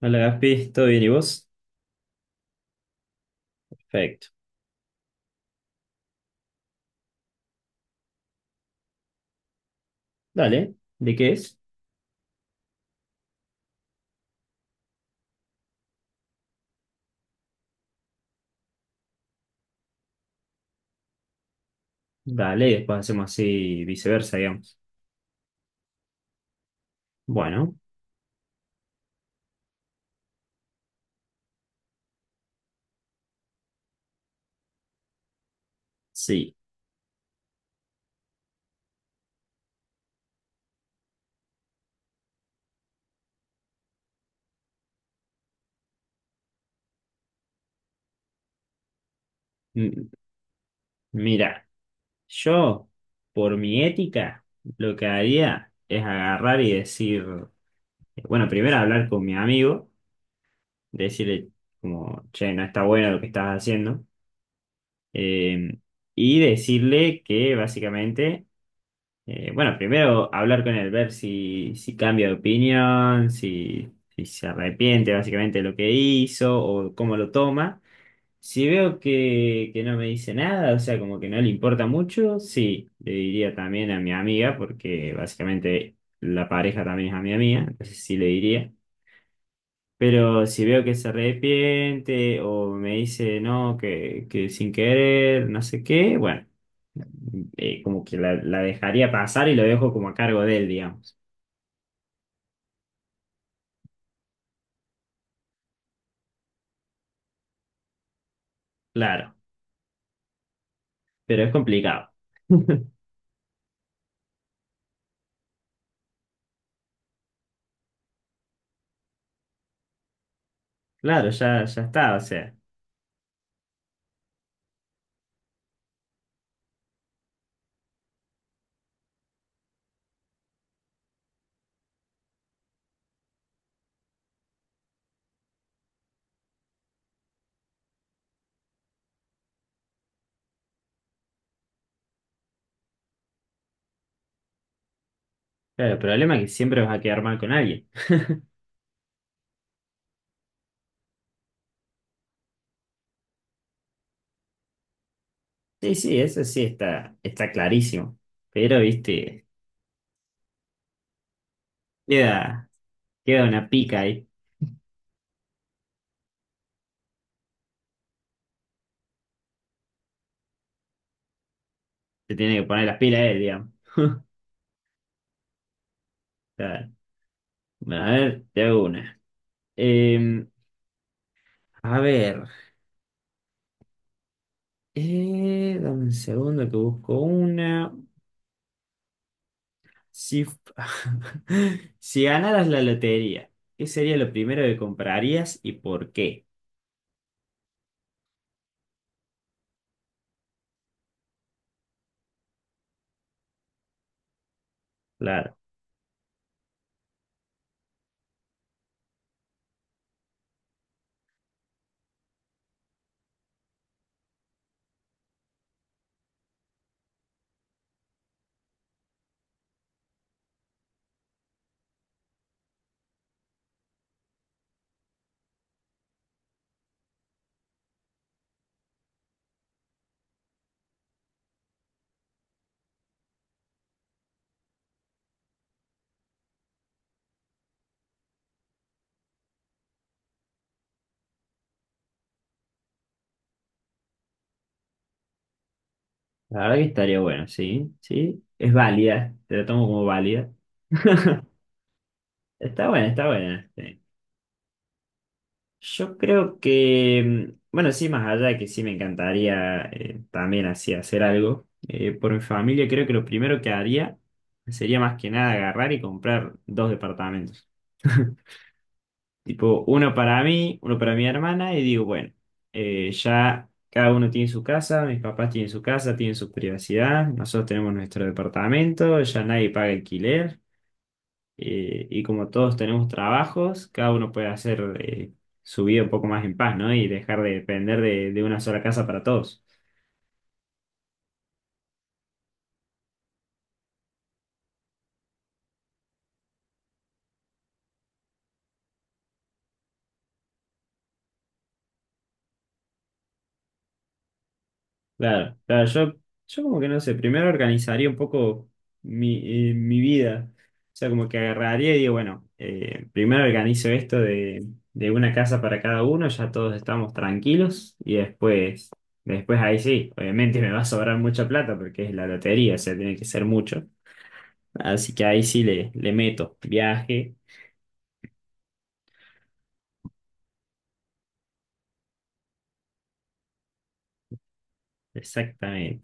Hola Gaspi, ¿todo bien y vos? Perfecto. Dale, ¿de qué es? Dale, y después hacemos así viceversa, digamos. Bueno, sí. M- Mira, yo, por mi ética, lo que haría es agarrar y decir, bueno, primero hablar con mi amigo, decirle como, che, no está bueno lo que estás haciendo, eh, y decirle que básicamente. Bueno, primero hablar con él, ver si cambia de opinión, si se arrepiente básicamente de lo que hizo o cómo lo toma. Si veo que no me dice nada, o sea, como que no le importa mucho, sí, le diría también a mi amiga, porque básicamente la pareja también es amiga mía, entonces sí le diría. Pero si veo que se arrepiente o me dice no, que sin querer, no sé qué, bueno como que la dejaría pasar y lo dejo como a cargo de él, digamos. Claro, pero es complicado. Claro, ya, ya está, o sea. Claro, el problema es que siempre vas a quedar mal con alguien. Sí, sí, eso sí está clarísimo. Pero, viste, queda, queda una pica ahí. Se tiene que poner las pilas él, digamos. Claro. Bueno, a ver, te hago una. Eh, a ver, dame un segundo que busco una. Si, si ganaras la lotería, ¿qué sería lo primero que comprarías y por qué? Claro, la verdad que estaría bueno, sí, sí, es válida, te la tomo como válida. Está buena, está buena. Sí. Yo creo que, bueno, sí, más allá de que sí me encantaría también así hacer algo por mi familia, creo que lo primero que haría sería más que nada agarrar y comprar dos departamentos. Tipo, uno para mí, uno para mi hermana, y digo, bueno, ya cada uno tiene su casa, mis papás tienen su casa, tienen su privacidad, nosotros tenemos nuestro departamento, ya nadie paga alquiler, y como todos tenemos trabajos, cada uno puede hacer su vida un poco más en paz, ¿no? Y dejar de depender de una sola casa para todos. Claro, claro, yo, como que no sé, primero organizaría un poco mi vida. O sea, como que agarraría y digo, bueno, primero organizo esto de una casa para cada uno, ya todos estamos tranquilos, y después ahí sí, obviamente me va a sobrar mucha plata porque es la lotería, o sea, tiene que ser mucho. Así que ahí sí le meto viaje, exactamente.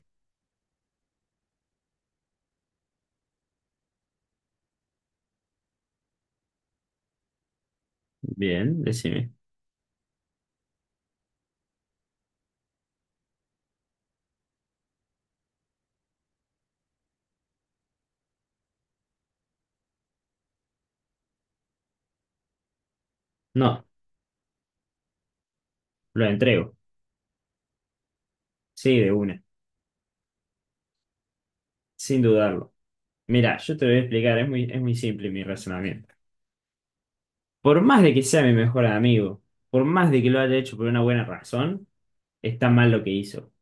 Bien, decime. No, lo entrego. Sí, de una. Sin dudarlo. Mira, yo te lo voy a explicar, es muy simple mi razonamiento. Por más de que sea mi mejor amigo, por más de que lo haya hecho por una buena razón, está mal lo que hizo.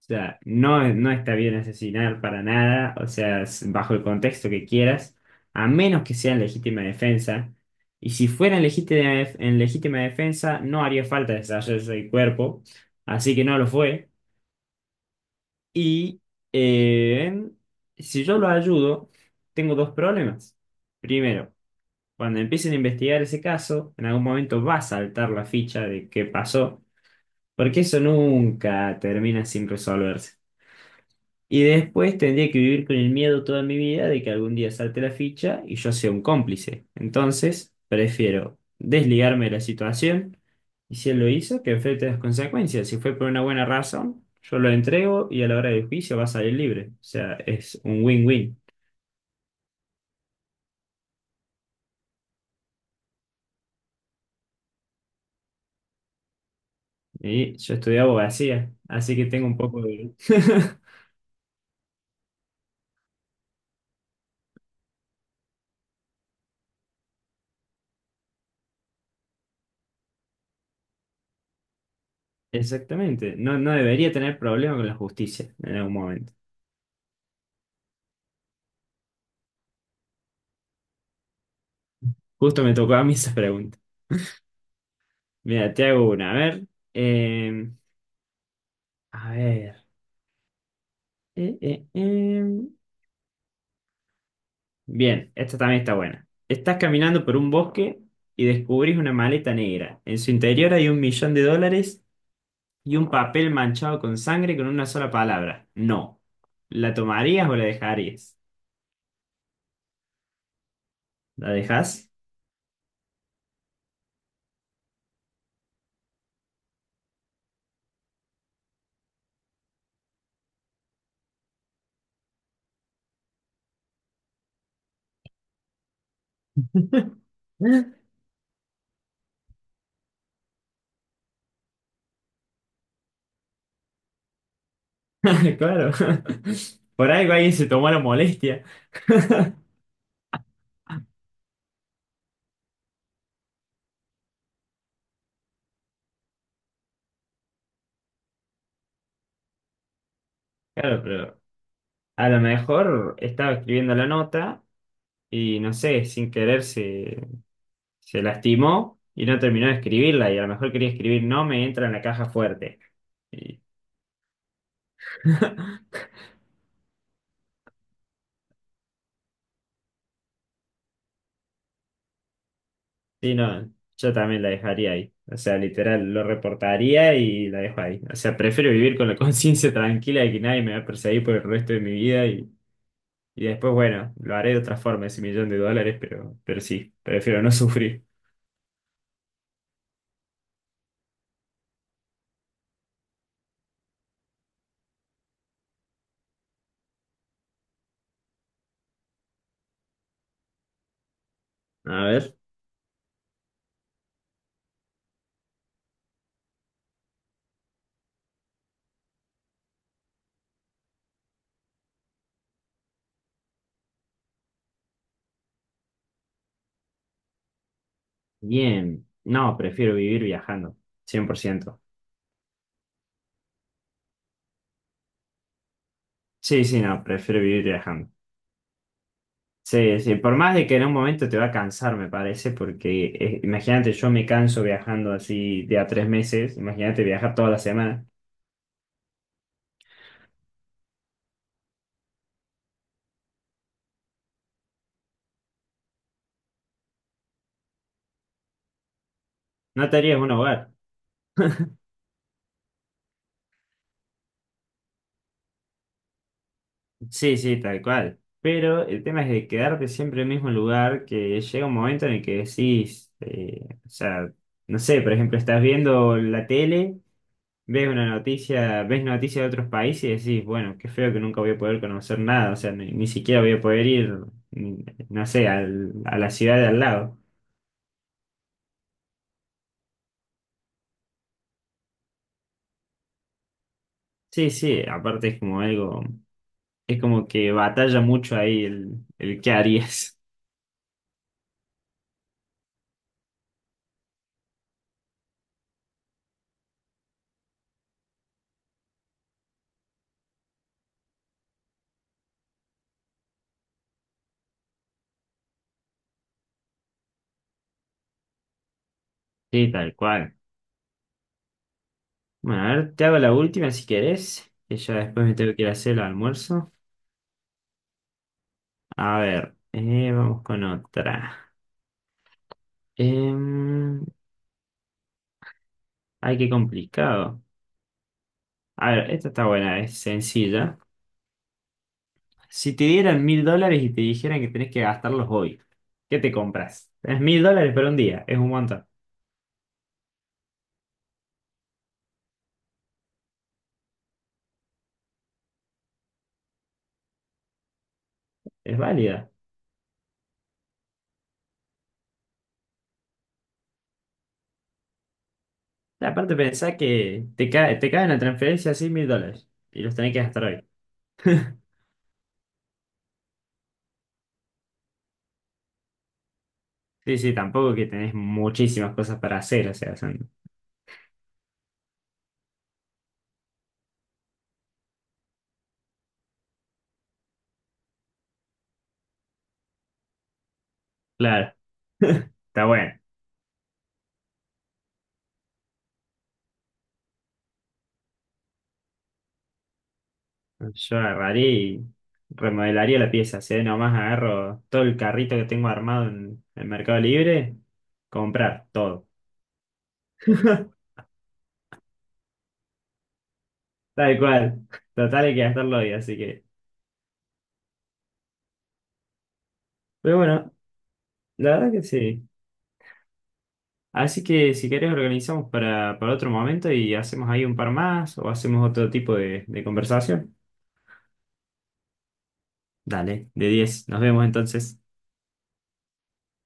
O sea, no, no está bien asesinar para nada, o sea, bajo el contexto que quieras, a menos que sea en legítima defensa. Y si fuera en legítima defensa, no haría falta deshacerse del cuerpo, así que no lo fue. Y eh, si yo lo ayudo, tengo dos problemas. Primero, cuando empiecen a investigar ese caso, en algún momento va a saltar la ficha de qué pasó, porque eso nunca termina sin resolverse. Y después tendría que vivir con el miedo toda mi vida de que algún día salte la ficha y yo sea un cómplice. Entonces, prefiero desligarme de la situación y si él lo hizo, que enfrente las consecuencias. Si fue por una buena razón, yo lo entrego y a la hora del juicio va a salir libre. O sea, es un win-win. Y yo estudié abogacía, así que tengo un poco de... Exactamente, no, no debería tener problema con la justicia en algún momento. Justo me tocó a mí esa pregunta. Mira, te hago una. A ver, em, a ver. Eh, eh, em. Bien, esta también está buena. Estás caminando por un bosque y descubrís una maleta negra. En su interior hay 1 millón de dólares y un papel manchado con sangre con una sola palabra. No. ¿La tomarías o la dejarías? ¿La dejas? Claro. Por algo alguien se tomó la molestia. Claro, pero a lo mejor estaba escribiendo la nota y no sé, sin querer se lastimó y no terminó de escribirla y a lo mejor quería escribir no me entra en la caja fuerte. Y- Sí, no, yo también la dejaría ahí. O sea, literal, lo reportaría y la dejo ahí. O sea, prefiero vivir con la conciencia tranquila de que nadie me va a perseguir por el resto de mi vida y después, bueno, lo haré de otra forma, ese millón de dólares, pero sí, prefiero no sufrir. A ver. Bien. No, prefiero vivir viajando, 100%. Sí, sí, no, prefiero vivir viajando. Sí, sí, por más de que en un momento te va a cansar, me parece, porque imagínate, yo me canso viajando así de a 3 meses, imagínate viajar toda la semana, no te harías un hogar. Sí, sí, tal cual. Pero el tema es de quedarte siempre en el mismo lugar, que llega un momento en el que decís, o sea, no sé, por ejemplo, estás viendo la tele, ves una noticia, ves noticias de otros países y decís, bueno, qué feo que nunca voy a poder conocer nada, o sea, ni siquiera voy a poder ir, no sé, a la ciudad de al lado. Sí, sí, aparte es como algo, es como que batalla mucho ahí el qué harías. Sí, tal cual. Bueno, a ver, te hago la última si querés, que ya después me tengo que ir a hacer el almuerzo. A ver, vamos con otra. Em, ay, qué complicado. A ver, esta está buena, es sencilla. Si te dieran 1000 dólares y te dijeran que tenés que gastarlos hoy, ¿qué te compras? Es mil dólares por un día, es un montón, es válida. Aparte pensá que te cae en la transferencia así 1000 dólares y los tenés que gastar hoy. Sí, sí, tampoco que tenés muchísimas cosas para hacer, o sea, son... Claro, está bueno. Yo agarraría y remodelaría la pieza, si ahí nomás agarro todo el carrito que tengo armado en el Mercado Libre, comprar todo, tal cual. Total hay que gastarlo hoy, así que... Pero bueno, la verdad que sí. Así que si querés organizamos para otro momento y hacemos ahí un par más o hacemos otro tipo de conversación. Dale, de 10. Nos vemos entonces.